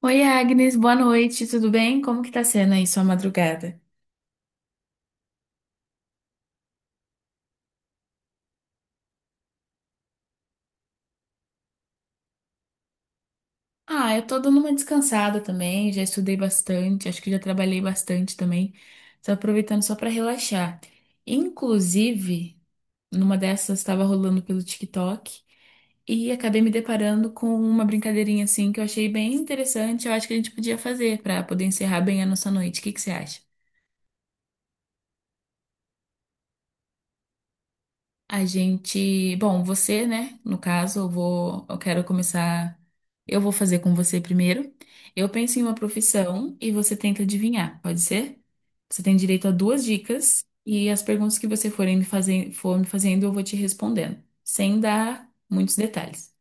Oi, Agnes, boa noite, tudo bem? Como que tá sendo aí sua madrugada? Ah, eu tô dando uma descansada também, já estudei bastante, acho que já trabalhei bastante também. Tô aproveitando só pra relaxar. Inclusive, numa dessas estava rolando pelo TikTok e acabei me deparando com uma brincadeirinha assim que eu achei bem interessante, eu acho que a gente podia fazer pra poder encerrar bem a nossa noite. O que que você acha? A gente, bom, você, né? No caso, eu quero começar, eu vou fazer com você primeiro. Eu penso em uma profissão e você tenta adivinhar, pode ser? Você tem direito a duas dicas e as perguntas que você forem me fazer, for me fazendo, eu vou te respondendo, sem dar muitos detalhes.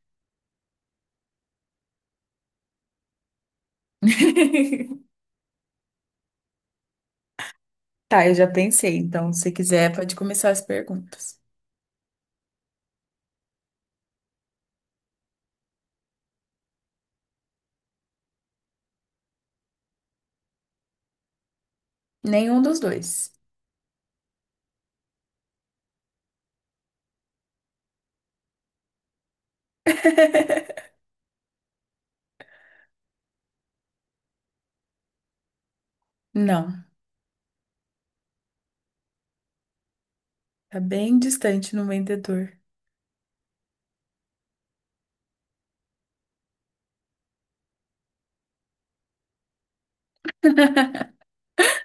Tá, eu já pensei, então se quiser pode começar as perguntas. Nenhum dos dois. Não, tá bem distante no vendedor.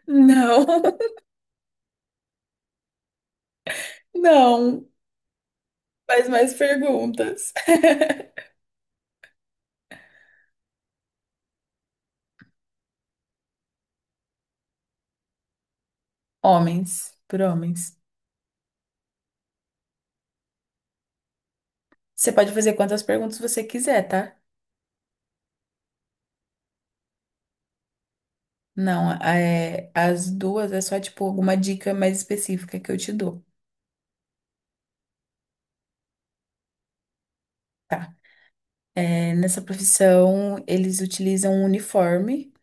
Não, não. Faz mais perguntas. Homens, por homens. Você pode fazer quantas perguntas você quiser, tá? Não, é, as duas é só, tipo, alguma dica mais específica que eu te dou. Tá. É, nessa profissão, eles utilizam um uniforme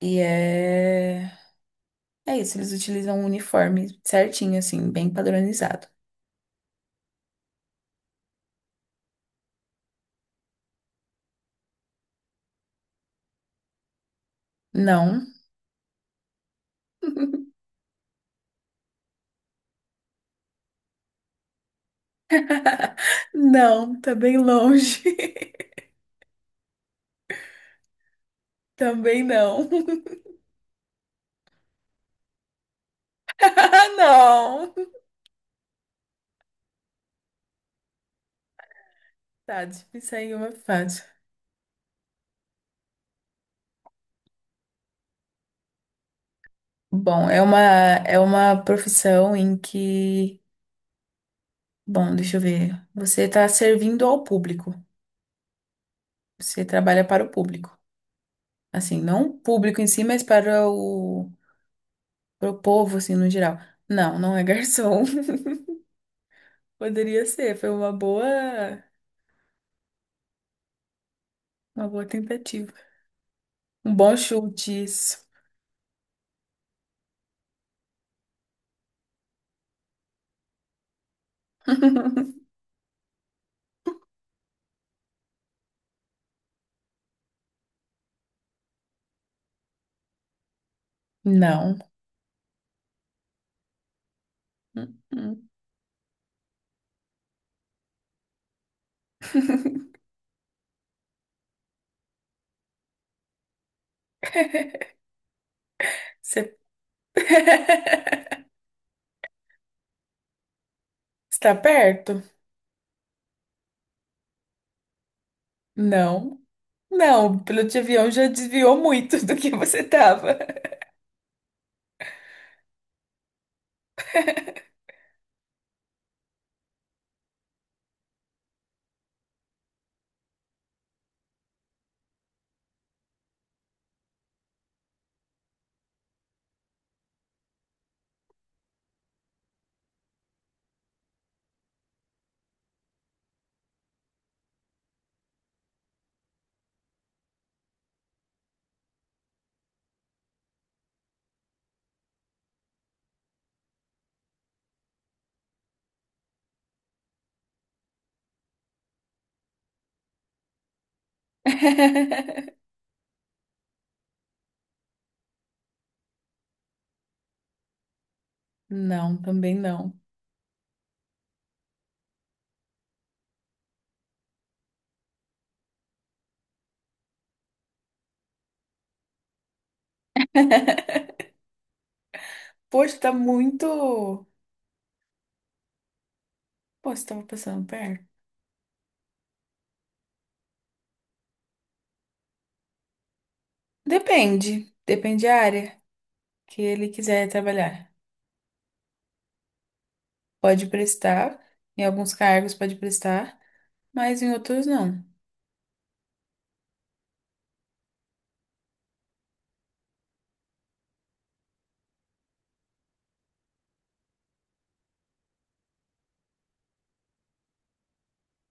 e é... É isso, eles utilizam um uniforme certinho, assim, bem padronizado. Não. Não, tá bem longe. Também não. Não. Tá, difícil aí uma fácil. Bom, é uma, é uma profissão em que, bom, deixa eu ver, você está servindo ao público, você trabalha para o público, assim, não o público em si, mas para o, para o povo, assim, no geral. Não, não é garçom, poderia ser, foi uma boa tentativa, um bom chute isso. Não. Hum, hum. Você está perto? Não. Não, o piloto de avião já desviou muito do que você estava. Não, também não. Poxa, tá muito. Pô, você tava passando perto. Depende. Depende da área que ele quiser trabalhar. Pode prestar, em alguns cargos pode prestar, mas em outros não.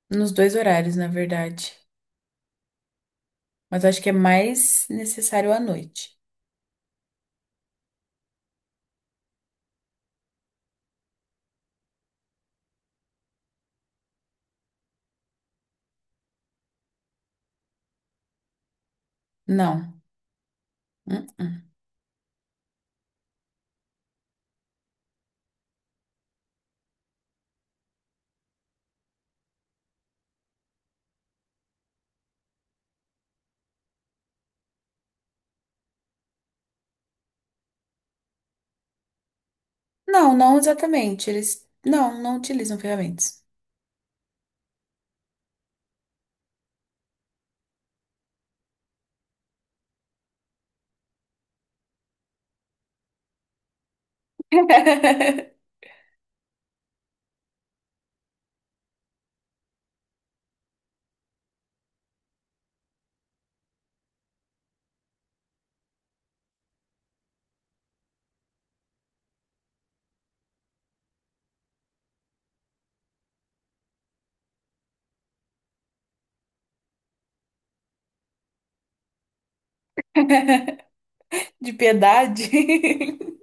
Nos dois horários, na verdade. Mas acho que é mais necessário à noite. Não. Uh-uh. Não, não exatamente. Eles não utilizam ferramentas. De piedade?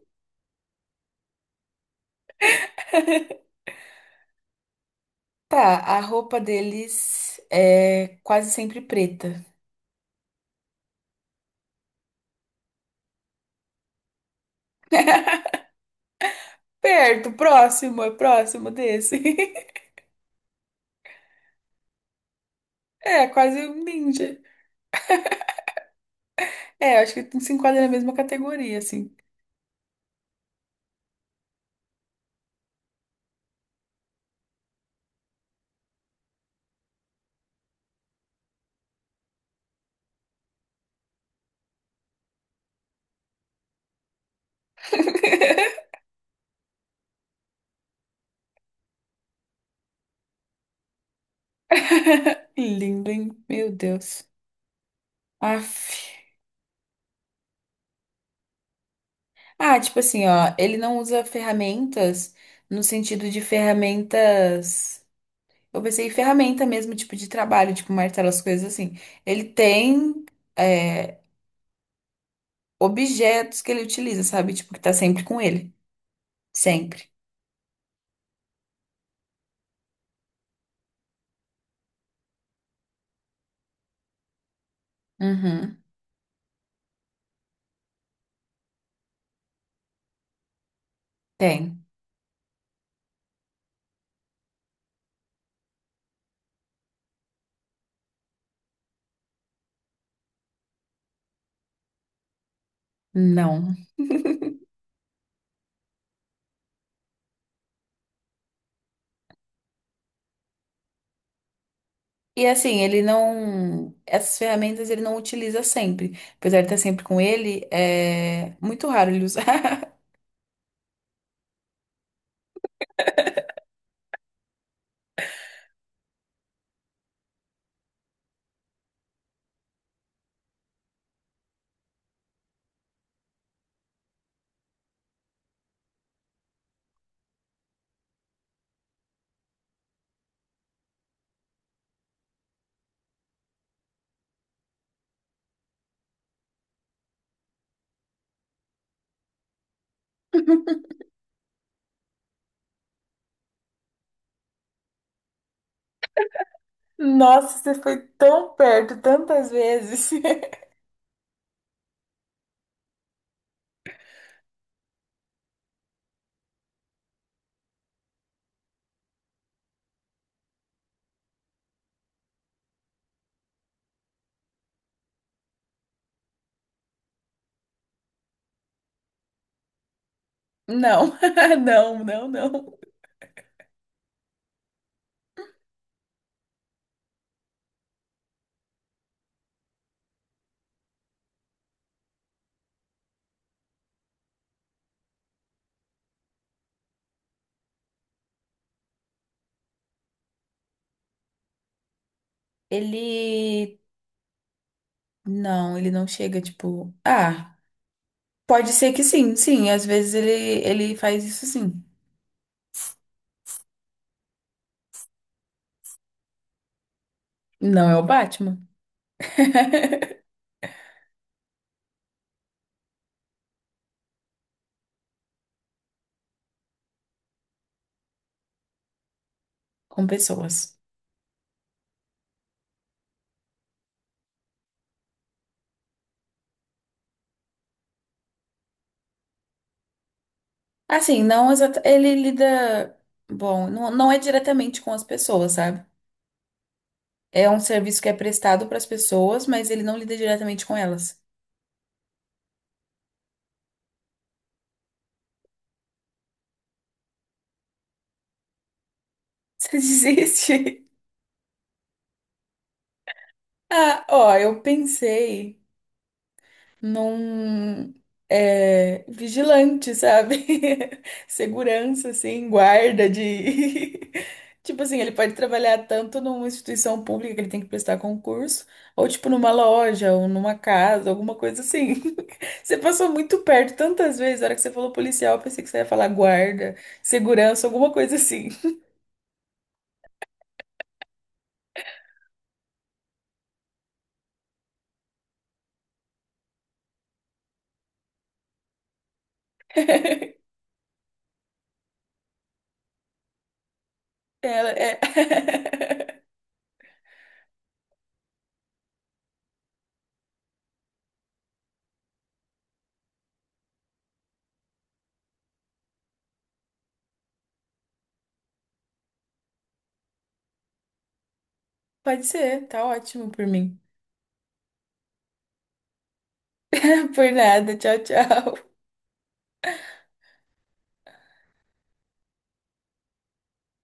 Tá, a roupa deles é quase sempre preta. Perto, próximo, é próximo desse. É, quase um ninja. É, acho que se enquadra na mesma categoria, assim. Lindo, hein? Meu Deus. Aff. Ah, tipo assim, ó, ele não usa ferramentas no sentido de ferramentas. Eu pensei em ferramenta mesmo, tipo de trabalho, tipo martelo, as coisas assim. Ele tem. é, Objetos que ele utiliza, sabe? Tipo, que tá sempre com ele. Sempre. Uhum. Tem. Não. E assim, ele não. Essas ferramentas ele não utiliza sempre. Apesar de estar sempre com ele, é muito raro ele usar. Nossa, você foi tão perto tantas vezes. Não, não, não, não. Ele. Não, ele não chega, tipo. Ah, pode ser que sim, sim. Às vezes ele, ele faz isso sim. Não é o Batman. Com pessoas. Assim, não exata, ele lida, bom, não, não é diretamente com as pessoas, sabe? É um serviço que é prestado para as pessoas, mas ele não lida diretamente com elas. Isso existe? Ah, ó, eu pensei. Num É, vigilante, sabe? Segurança, assim, guarda de. Tipo assim, ele pode trabalhar tanto numa instituição pública que ele tem que prestar concurso, ou tipo numa loja, ou numa casa, alguma coisa assim. Você passou muito perto tantas vezes, na hora que você falou policial, eu pensei que você ia falar guarda, segurança, alguma coisa assim. Ela é. Pode ser, tá ótimo por mim. Por nada, tchau, tchau.